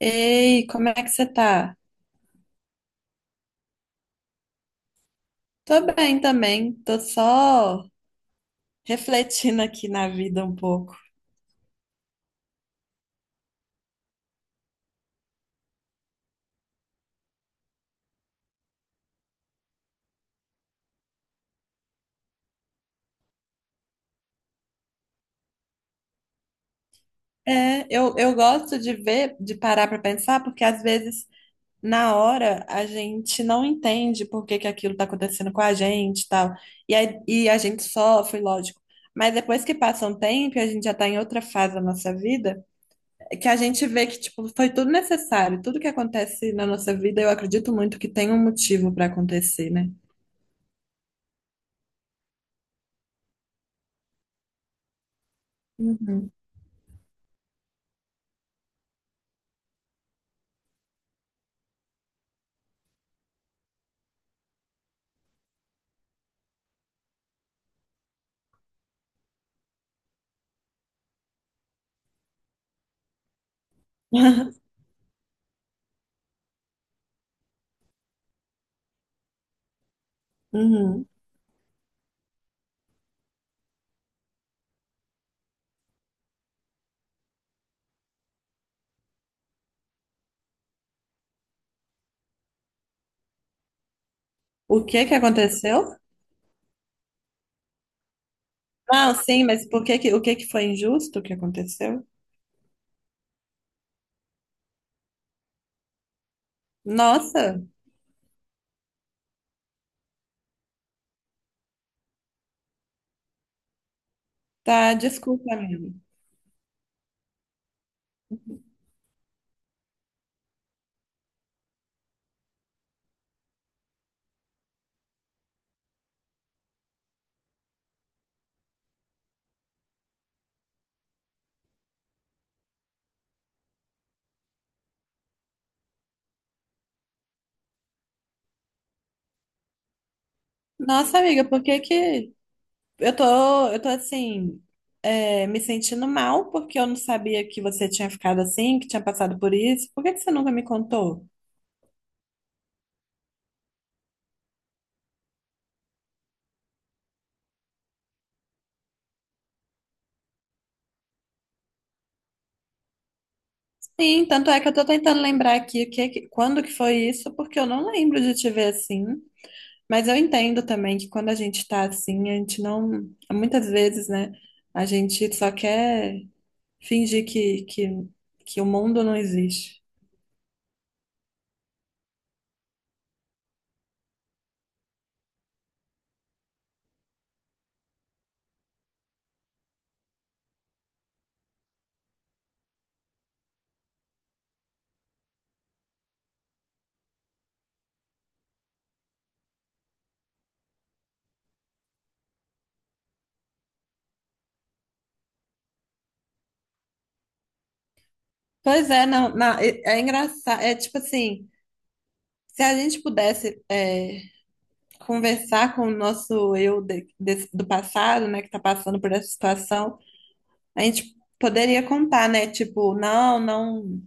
Ei, como é que você tá? Tô bem também, tô só refletindo aqui na vida um pouco. É, eu gosto de ver, de parar pra pensar, porque às vezes na hora a gente não entende por que que aquilo tá acontecendo com a gente e tal. E, aí, e a gente sofre, lógico. Mas depois que passa um tempo e a gente já tá em outra fase da nossa vida, é que a gente vê que tipo, foi tudo necessário. Tudo que acontece na nossa vida, eu acredito muito que tem um motivo pra acontecer, né? Uhum. Uhum. O que que aconteceu? Não, sim, mas por que que, o que que foi injusto que aconteceu? Nossa, tá, desculpa, amiga. Nossa, amiga, por que que eu tô, eu tô assim, é, me sentindo mal porque eu não sabia que você tinha ficado assim, que tinha passado por isso. Por que que você nunca me contou? Sim, tanto é que eu tô tentando lembrar aqui o que, quando que foi isso, porque eu não lembro de te ver assim. Mas eu entendo também que quando a gente tá assim, a gente não, muitas vezes, né? A gente só quer fingir que o mundo não existe. Pois é, não, não, é, é engraçado. É tipo assim, se a gente pudesse é, conversar com o nosso eu do passado, né, que tá passando por essa situação, a gente poderia contar, né? Tipo, não, não,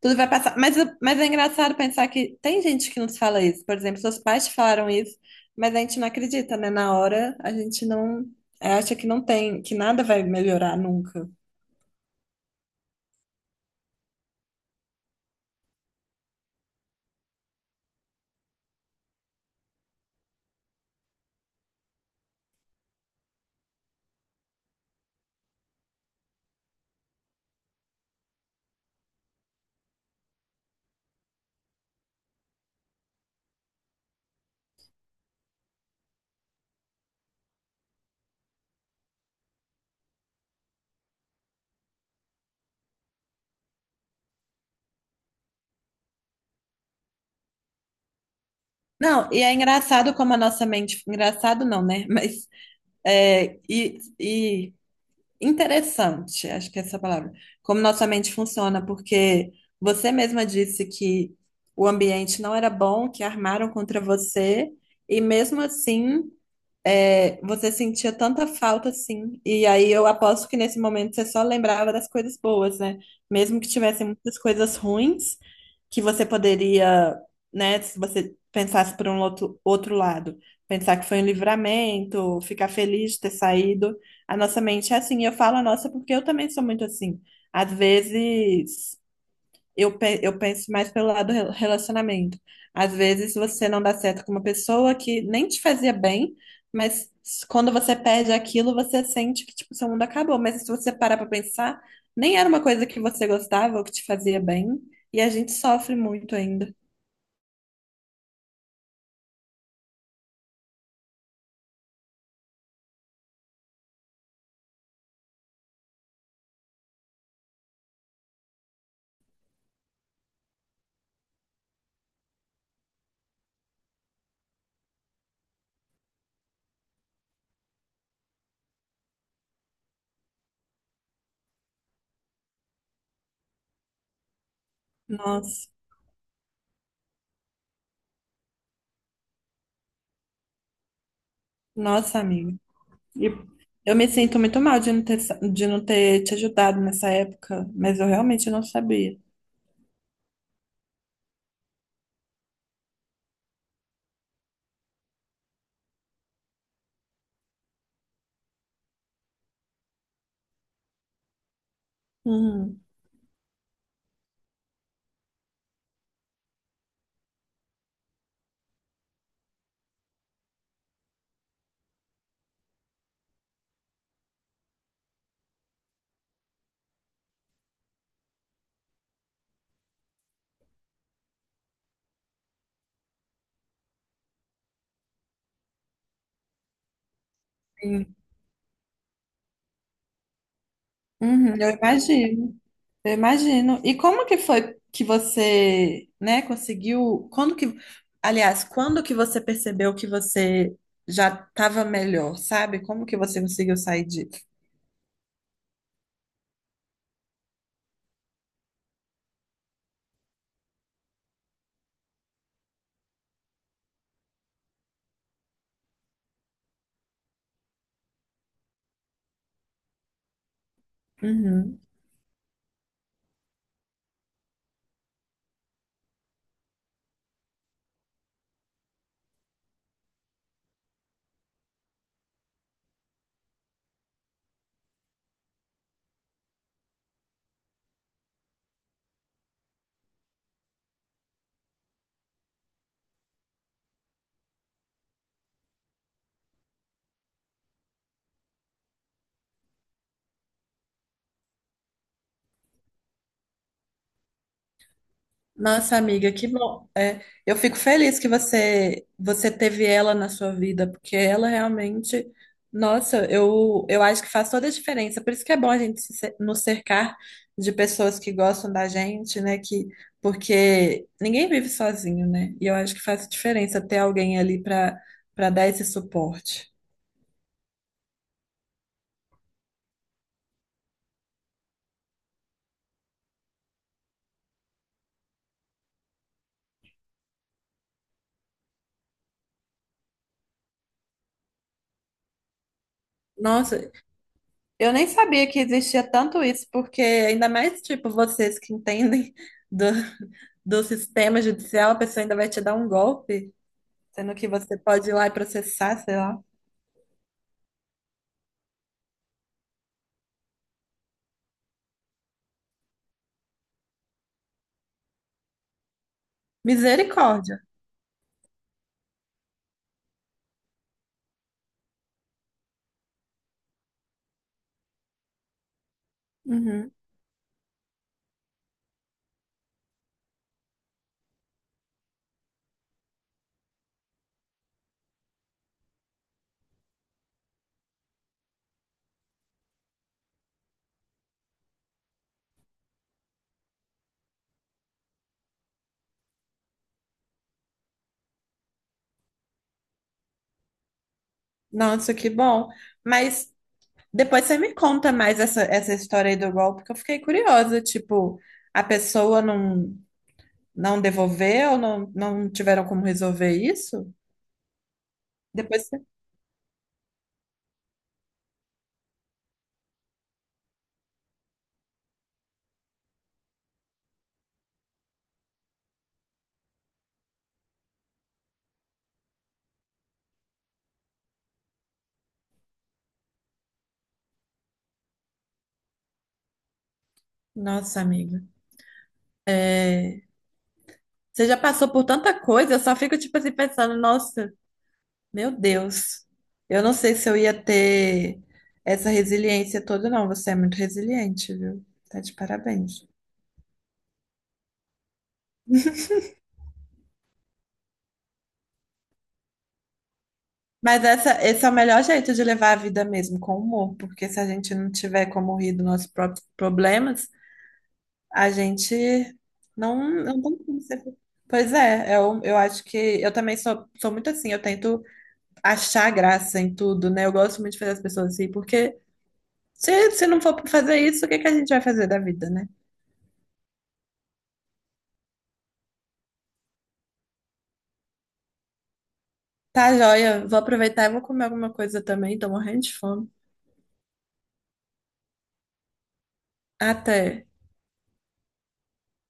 tudo vai passar. Mas é engraçado pensar que tem gente que nos fala isso. Por exemplo, seus pais te falaram isso, mas a gente não acredita, né? Na hora, a gente não, é, acha que não tem, que nada vai melhorar nunca. Não, e é engraçado como a nossa mente. Engraçado não, né? Mas é, e interessante, acho que é essa a palavra. Como nossa mente funciona, porque você mesma disse que o ambiente não era bom, que armaram contra você, e mesmo assim é, você sentia tanta falta assim. E aí eu aposto que nesse momento você só lembrava das coisas boas, né? Mesmo que tivessem muitas coisas ruins, que você poderia, né, se você pensasse por um outro, outro lado, pensar que foi um livramento, ficar feliz de ter saído. A nossa mente é assim. E eu falo a nossa porque eu também sou muito assim. Às vezes. Eu, eu penso mais pelo lado relacionamento. Às vezes você não dá certo com uma pessoa que nem te fazia bem, mas quando você perde aquilo, você sente que tipo, seu mundo acabou. Mas se você parar pra pensar, nem era uma coisa que você gostava ou que te fazia bem, e a gente sofre muito ainda. Nossa, nossa, amiga. E eu me sinto muito mal de não ter, de não ter te ajudado nessa época, mas eu realmente não sabia. Uhum, sim. Uhum, eu imagino. Eu imagino. E como que foi que você, né, conseguiu? Quando que, aliás, quando que você percebeu que você já estava melhor, sabe? Como que você conseguiu sair disso? Uhum. Nossa, amiga, que bom. É, eu fico feliz que você teve ela na sua vida, porque ela realmente, nossa, eu acho que faz toda a diferença. Por isso que é bom a gente se cer- nos cercar de pessoas que gostam da gente, né? Que, porque ninguém vive sozinho, né? E eu acho que faz diferença ter alguém ali para dar esse suporte. Nossa, eu nem sabia que existia tanto isso, porque ainda mais, tipo, vocês que entendem do, do sistema judicial, a pessoa ainda vai te dar um golpe, sendo que você pode ir lá e processar, sei lá. Misericórdia. Uhum. Nossa, que bom. Mas depois você me conta mais essa, essa história aí do golpe, que eu fiquei curiosa. Tipo, a pessoa não, não devolveu, não, não tiveram como resolver isso? Depois você... Nossa, amiga. É, você já passou por tanta coisa, eu só fico tipo assim pensando, nossa, meu Deus. Eu não sei se eu ia ter essa resiliência toda, não. Você é muito resiliente, viu? Tá de parabéns. Mas essa, esse é o melhor jeito de levar a vida mesmo, com humor, porque se a gente não tiver como rir dos nossos próprios problemas, a gente não, não tem como ser. Pois é, eu acho que eu também sou, sou muito assim, eu tento achar graça em tudo, né? Eu gosto muito de fazer as pessoas rir, porque se não for fazer isso, o que que a gente vai fazer da vida, né? Tá, joia. Vou aproveitar e vou comer alguma coisa também. Tô morrendo de fome. Até.